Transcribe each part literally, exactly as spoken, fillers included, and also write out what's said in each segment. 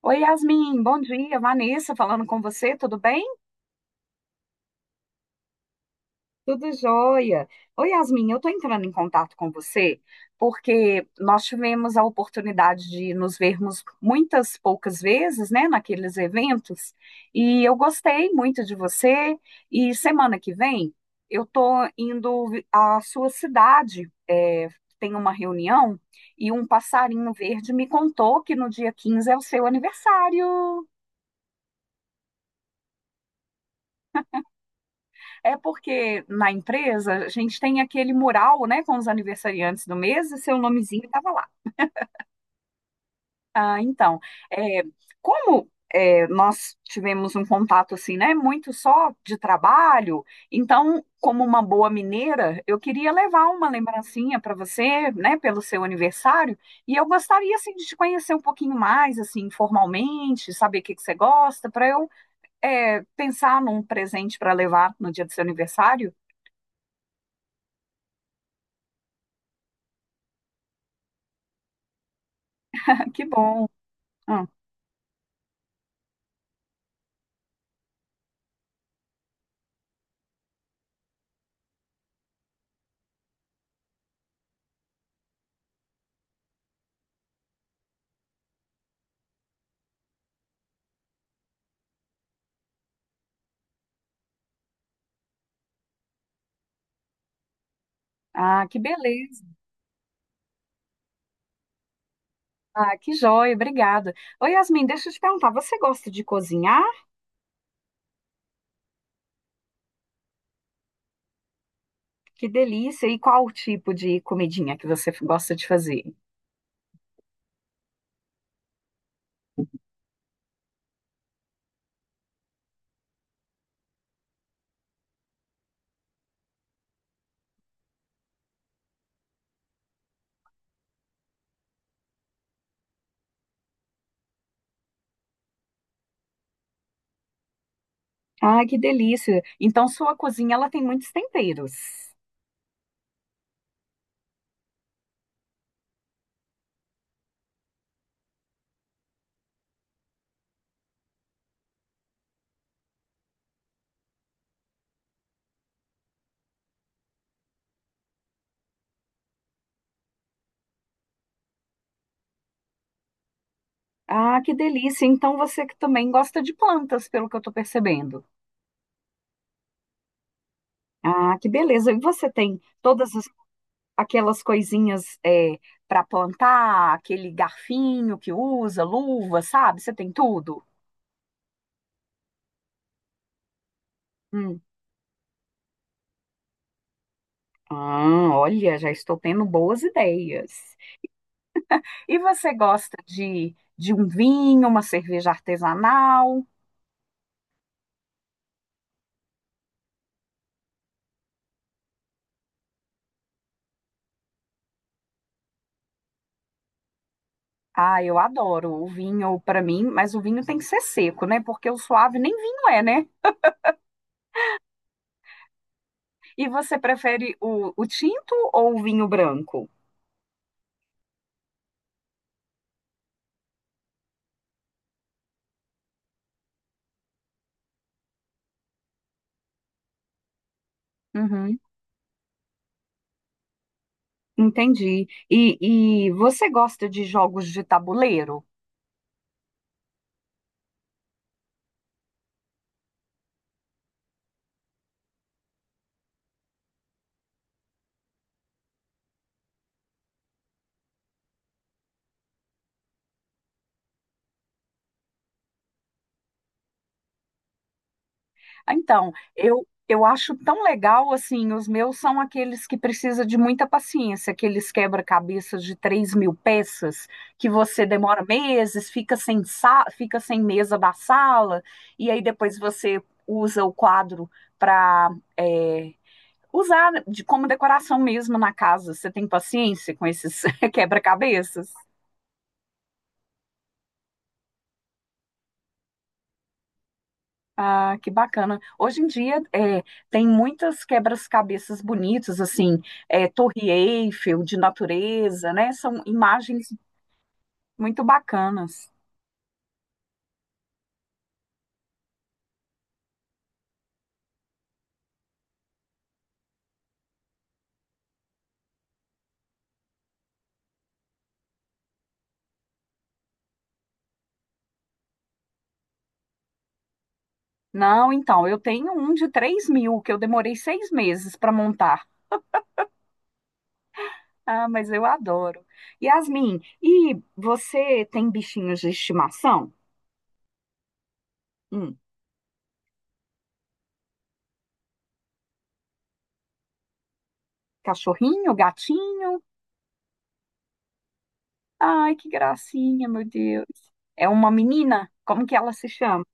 Oi, Yasmin, bom dia. Vanessa falando com você, tudo bem? Tudo jóia. Oi, Yasmin, eu estou entrando em contato com você porque nós tivemos a oportunidade de nos vermos muitas poucas vezes, né, naqueles eventos, e eu gostei muito de você. E semana que vem eu estou indo vi- à sua cidade, é, tem uma reunião, e um passarinho verde me contou que no dia quinze é o seu aniversário. É porque na empresa a gente tem aquele mural, né, com os aniversariantes do mês e seu nomezinho estava lá. Ah, então, é, como é, nós tivemos um contato assim, né, muito só de trabalho, então, como uma boa mineira, eu queria levar uma lembrancinha para você, né, pelo seu aniversário, e eu gostaria assim de te conhecer um pouquinho mais, assim, formalmente, saber o que que você gosta, para eu é, pensar num presente para levar no dia do seu aniversário. Que bom. Hum. Ah, que beleza. Ah, que joia, obrigada. Oi, Yasmin, deixa eu te perguntar, você gosta de cozinhar? Que delícia! E qual o tipo de comidinha que você gosta de fazer? Ah, que delícia. Então, sua cozinha, ela tem muitos temperos. Ah, que delícia. Então, você que também gosta de plantas, pelo que eu estou percebendo. Ah, que beleza. E você tem todas as- aquelas coisinhas para plantar, aquele garfinho que usa, luva, sabe? Você tem tudo? Hum. Ah, olha, já estou tendo boas ideias. E você gosta de, de um vinho, uma cerveja artesanal? Ah, eu adoro o vinho para mim, mas o vinho tem que ser seco, né? Porque o suave nem vinho é, né? E você prefere o, o tinto ou o vinho branco? Uhum, entendi. E, e você gosta de jogos de tabuleiro? Ah, então, eu, eu acho tão legal assim. Os meus são aqueles que precisa de muita paciência, aqueles quebra-cabeças de três mil peças, que você demora meses, fica sem, sa- fica sem mesa da sala, e aí depois você usa o quadro para usar de, como decoração mesmo na casa. Você tem paciência com esses quebra-cabeças? Ah, que bacana. Hoje em dia é, tem muitas quebras-cabeças bonitas, assim, é, Torre Eiffel, de natureza, né? São imagens muito bacanas. Não, então, eu tenho um de três mil que eu demorei seis meses para montar. Ah, mas eu adoro. Yasmin, e você tem bichinhos de estimação? Hum, cachorrinho, gatinho? Ai, que gracinha, meu Deus. É uma menina? Como que ela se chama?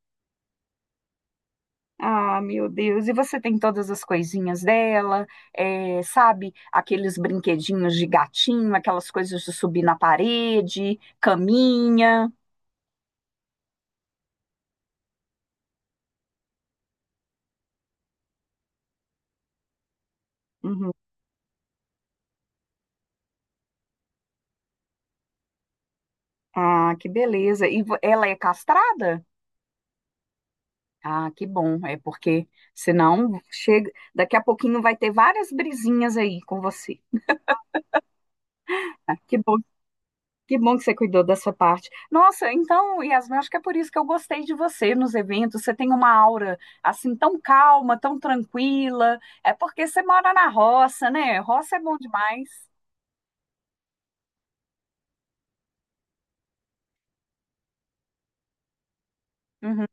Ah, meu Deus, e você tem todas as coisinhas dela, eh, sabe? Aqueles brinquedinhos de gatinho, aquelas coisas de subir na parede, caminha. Uhum. Ah, que beleza. E vo- ela é castrada? Ah, que bom, é porque senão chega, daqui a pouquinho vai ter várias brisinhas aí com você. Ah, que bom. Que bom que você cuidou da sua parte. Nossa, então, Yasmin, acho que é por isso que eu gostei de você nos eventos. Você tem uma aura assim tão calma, tão tranquila. É porque você mora na roça, né? Roça é bom demais. Uhum.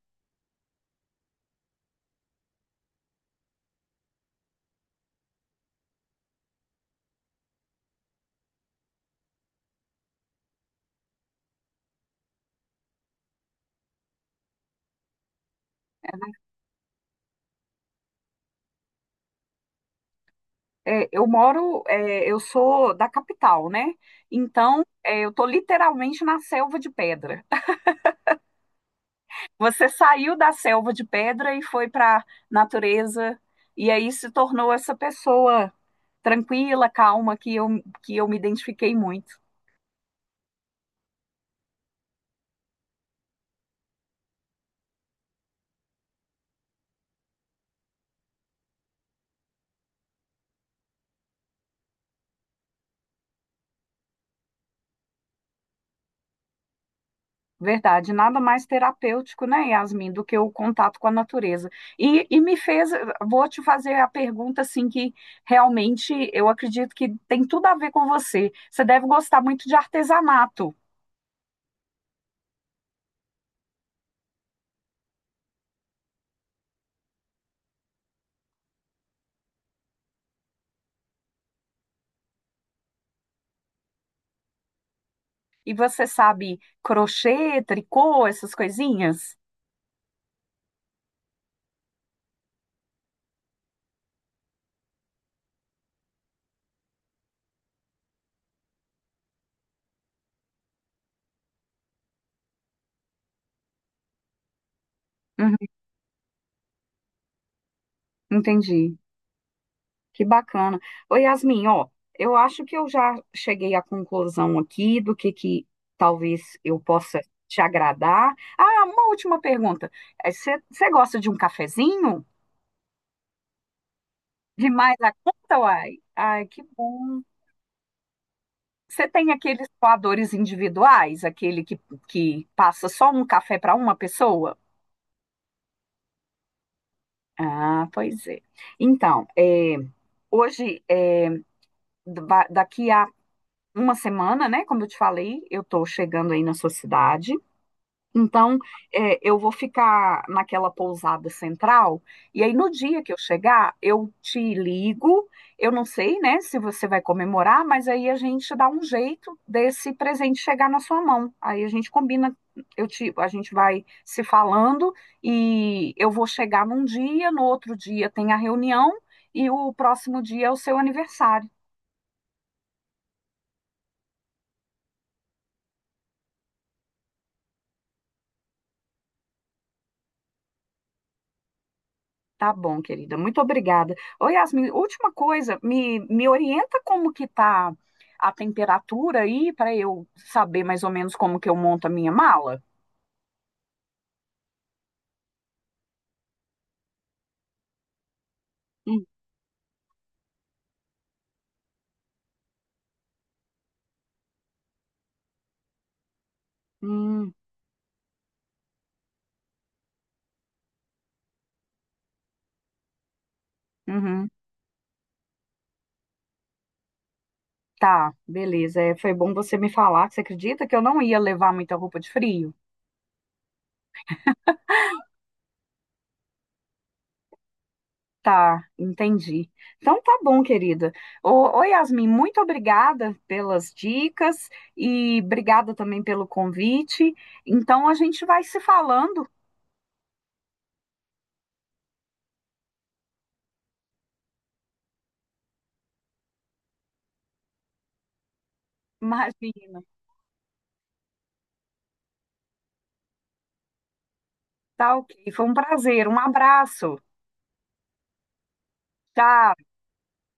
É, eu moro, é, eu sou da capital, né? Então, é, eu tô literalmente na selva de pedra. Você saiu da selva de pedra e foi para natureza e aí se tornou essa pessoa tranquila, calma que eu que eu me identifiquei muito. Verdade, nada mais terapêutico, né, Yasmin, do que o contato com a natureza. E, e me fez, Vou te fazer a pergunta, assim, que realmente eu acredito que tem tudo a ver com você. Você deve gostar muito de artesanato. E você sabe crochê, tricô, essas coisinhas? Uhum, entendi. Que bacana. Ô, Yasmin, ó, eu acho que eu já cheguei à conclusão aqui do que que talvez eu possa te agradar. Ah, uma última pergunta. Você gosta de um cafezinho? Demais a conta, uai? Ai, que bom. Você tem aqueles coadores individuais, aquele que, que passa só um café para uma pessoa? Ah, pois é. Então, é, hoje, é, da- daqui a uma semana, né? Como eu te falei, eu estou chegando aí na sua cidade. Então, é, eu vou ficar naquela pousada central, e aí no dia que eu chegar, eu te ligo. Eu não sei, né, se você vai comemorar, mas aí a gente dá um jeito desse presente chegar na sua mão. Aí a gente combina, eu te, a gente vai se falando e eu vou chegar num dia, no outro dia tem a reunião e o próximo dia é o seu aniversário. Tá bom, querida. Muito obrigada. Ô, Yasmin, última coisa, me, me orienta como que tá a temperatura aí para eu saber mais ou menos como que eu monto a minha mala? Hum, Hum, uhum. Tá, beleza. É, foi bom você me falar. Você acredita que eu não ia levar muita roupa de frio? Tá, entendi. Então tá bom, querida. Ô, ô, Yasmin, muito obrigada pelas dicas e obrigada também pelo convite. Então a gente vai se falando. Imagina. Tá ok. Foi um prazer. Um abraço. Tchau.